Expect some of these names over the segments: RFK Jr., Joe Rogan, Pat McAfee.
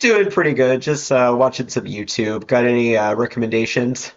Doing pretty good. Just watching some YouTube. Got any recommendations?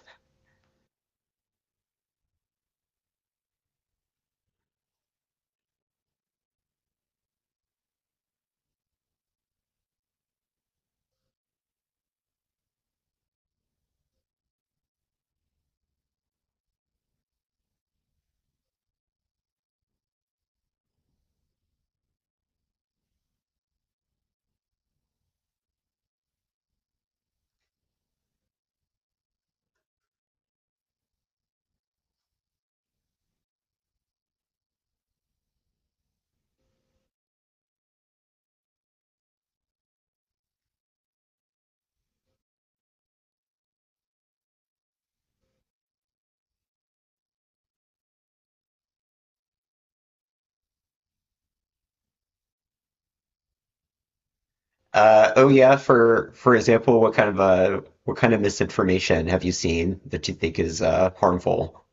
Oh yeah, for example, what kind of misinformation have you seen that you think is harmful?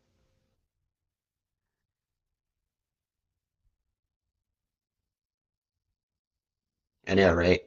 I know, right.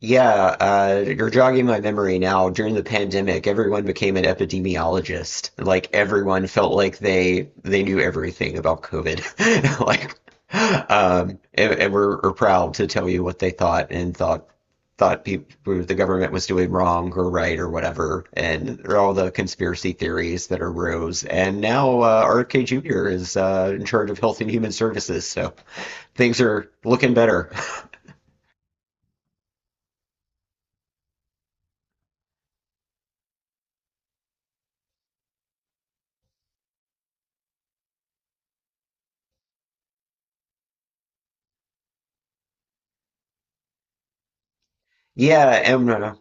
Yeah, you're jogging my memory now. During the pandemic, everyone became an epidemiologist. Like everyone felt like they knew everything about COVID. Like, were proud to tell you what they thought and thought people the government was doing wrong or right or whatever, and there are all the conspiracy theories that arose. And now RFK Jr. is in charge of Health and Human Services, so things are looking better. Yeah, and uh,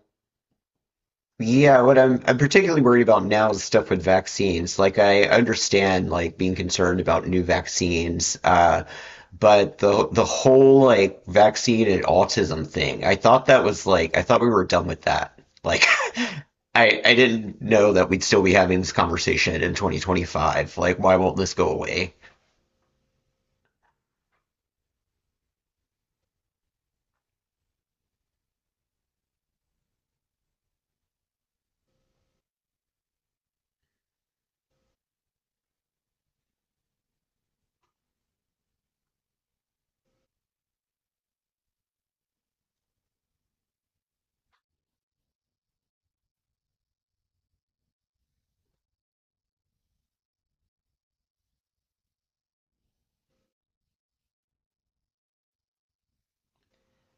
Yeah, what I'm particularly worried about now is stuff with vaccines. Like I understand like being concerned about new vaccines, but the whole like vaccine and autism thing, I thought that was like I thought we were done with that. Like I didn't know that we'd still be having this conversation in 2025. Like why won't this go away?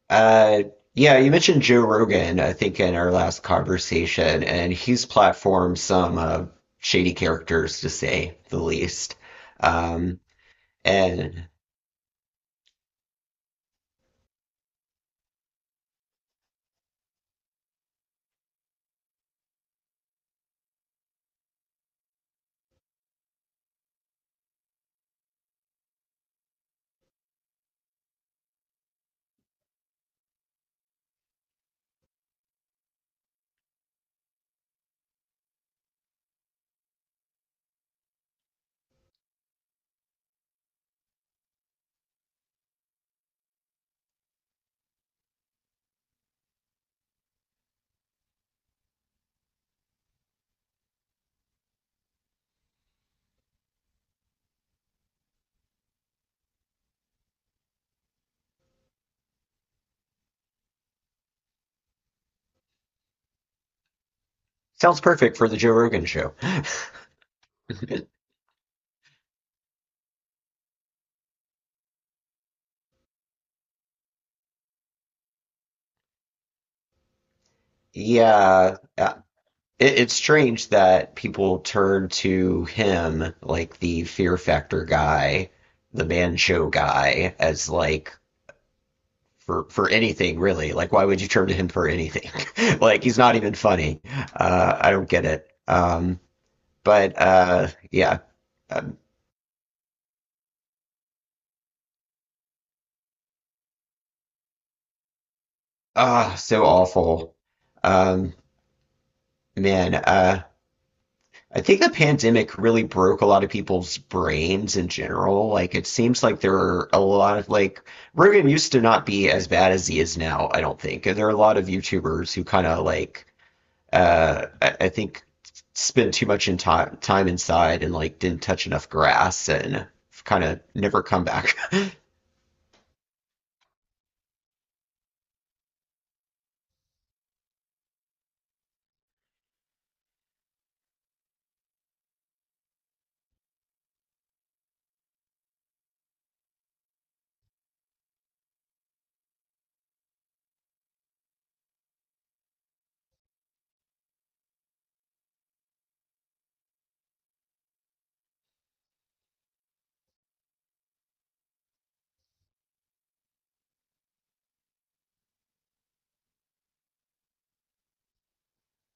Uh, yeah, you mentioned Joe Rogan, I think, in our last conversation, and he's platformed some shady characters, to say the least. Um, and sounds perfect for the Joe Rogan show. Yeah, it's strange that people turn to him, like the Fear Factor guy, the Man Show guy, as like for anything really. Like, why would you turn to him for anything? Like, he's not even funny. I don't get it. But uh, yeah, um, ah, so awful. Um, man, uh, I think the pandemic really broke a lot of people's brains in general. Like, it seems like there are a lot of like Rogan used to not be as bad as he is now. I don't think, and there are a lot of YouTubers who kind of like I think spent too much in time inside and like didn't touch enough grass and kind of never come back.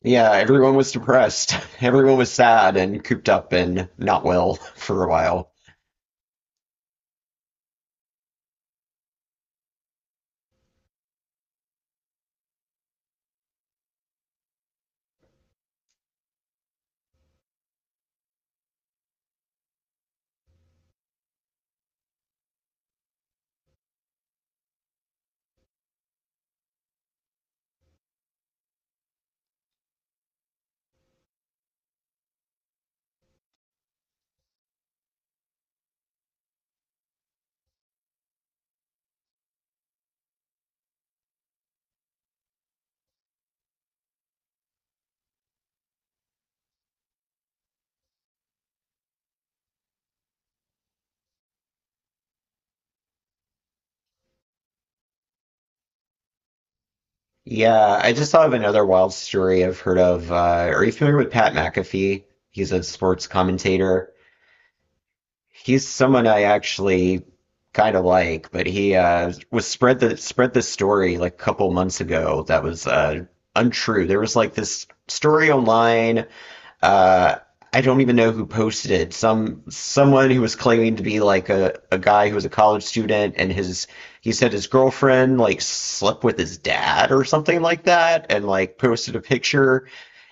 Yeah, everyone was depressed. Everyone was sad and cooped up and not well for a while. Yeah, I just thought of another wild story I've heard of. Are you familiar with Pat McAfee? He's a sports commentator. He's someone I actually kind of like, but he was spread the story like a couple months ago that was untrue. There was like this story online. Uh, I don't even know who posted it. Someone who was claiming to be like a guy who was a college student and his he said his girlfriend like slept with his dad or something like that and like posted a picture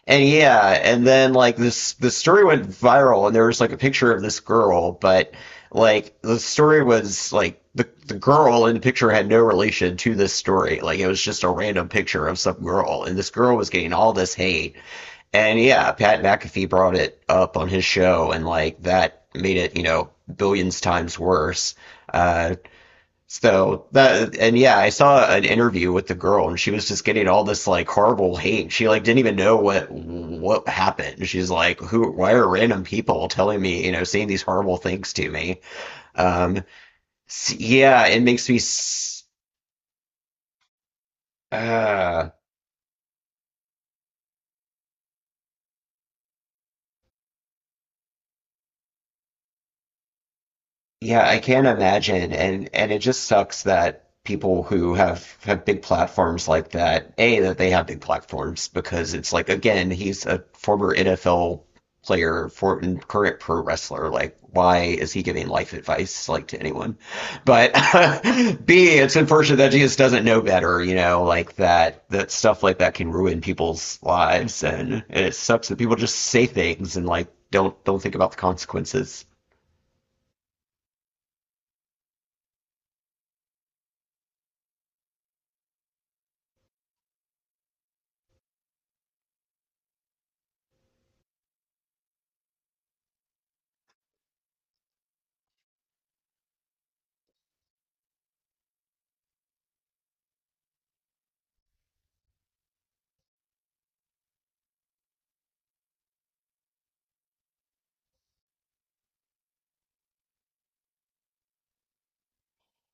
and yeah, and then like this the story went viral and there was like a picture of this girl, but like the story was like the girl in the picture had no relation to this story. Like it was just a random picture of some girl and this girl was getting all this hate. And yeah, Pat McAfee brought it up on his show and like that made it, you know, billions times worse. Uh, so that and yeah, I saw an interview with the girl and she was just getting all this like horrible hate. She like didn't even know what happened. She's like, who? Why are random people telling me, saying these horrible things to me? Um, yeah, it makes me. Uh, Yeah, I can imagine, and it just sucks that people who have big platforms like that, A, that they have big platforms because it's like again, he's a former NFL player, for and current pro wrestler. Like, why is he giving life advice like to anyone? But B, it's unfortunate that he just doesn't know better, you know, like that stuff like that can ruin people's lives, and it sucks that people just say things and like don't think about the consequences.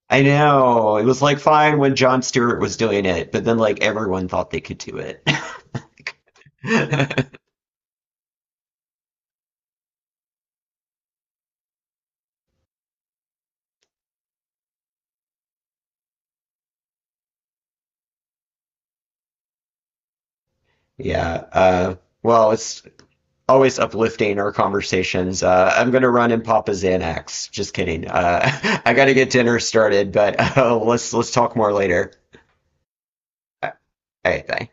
I know. It was like fine when John Stewart was doing it, but then like everyone thought they could do it. Yeah. It's always uplifting our conversations. I'm gonna run and pop a Xanax. Just kidding. I gotta get dinner started, but let's talk more later. All right, bye.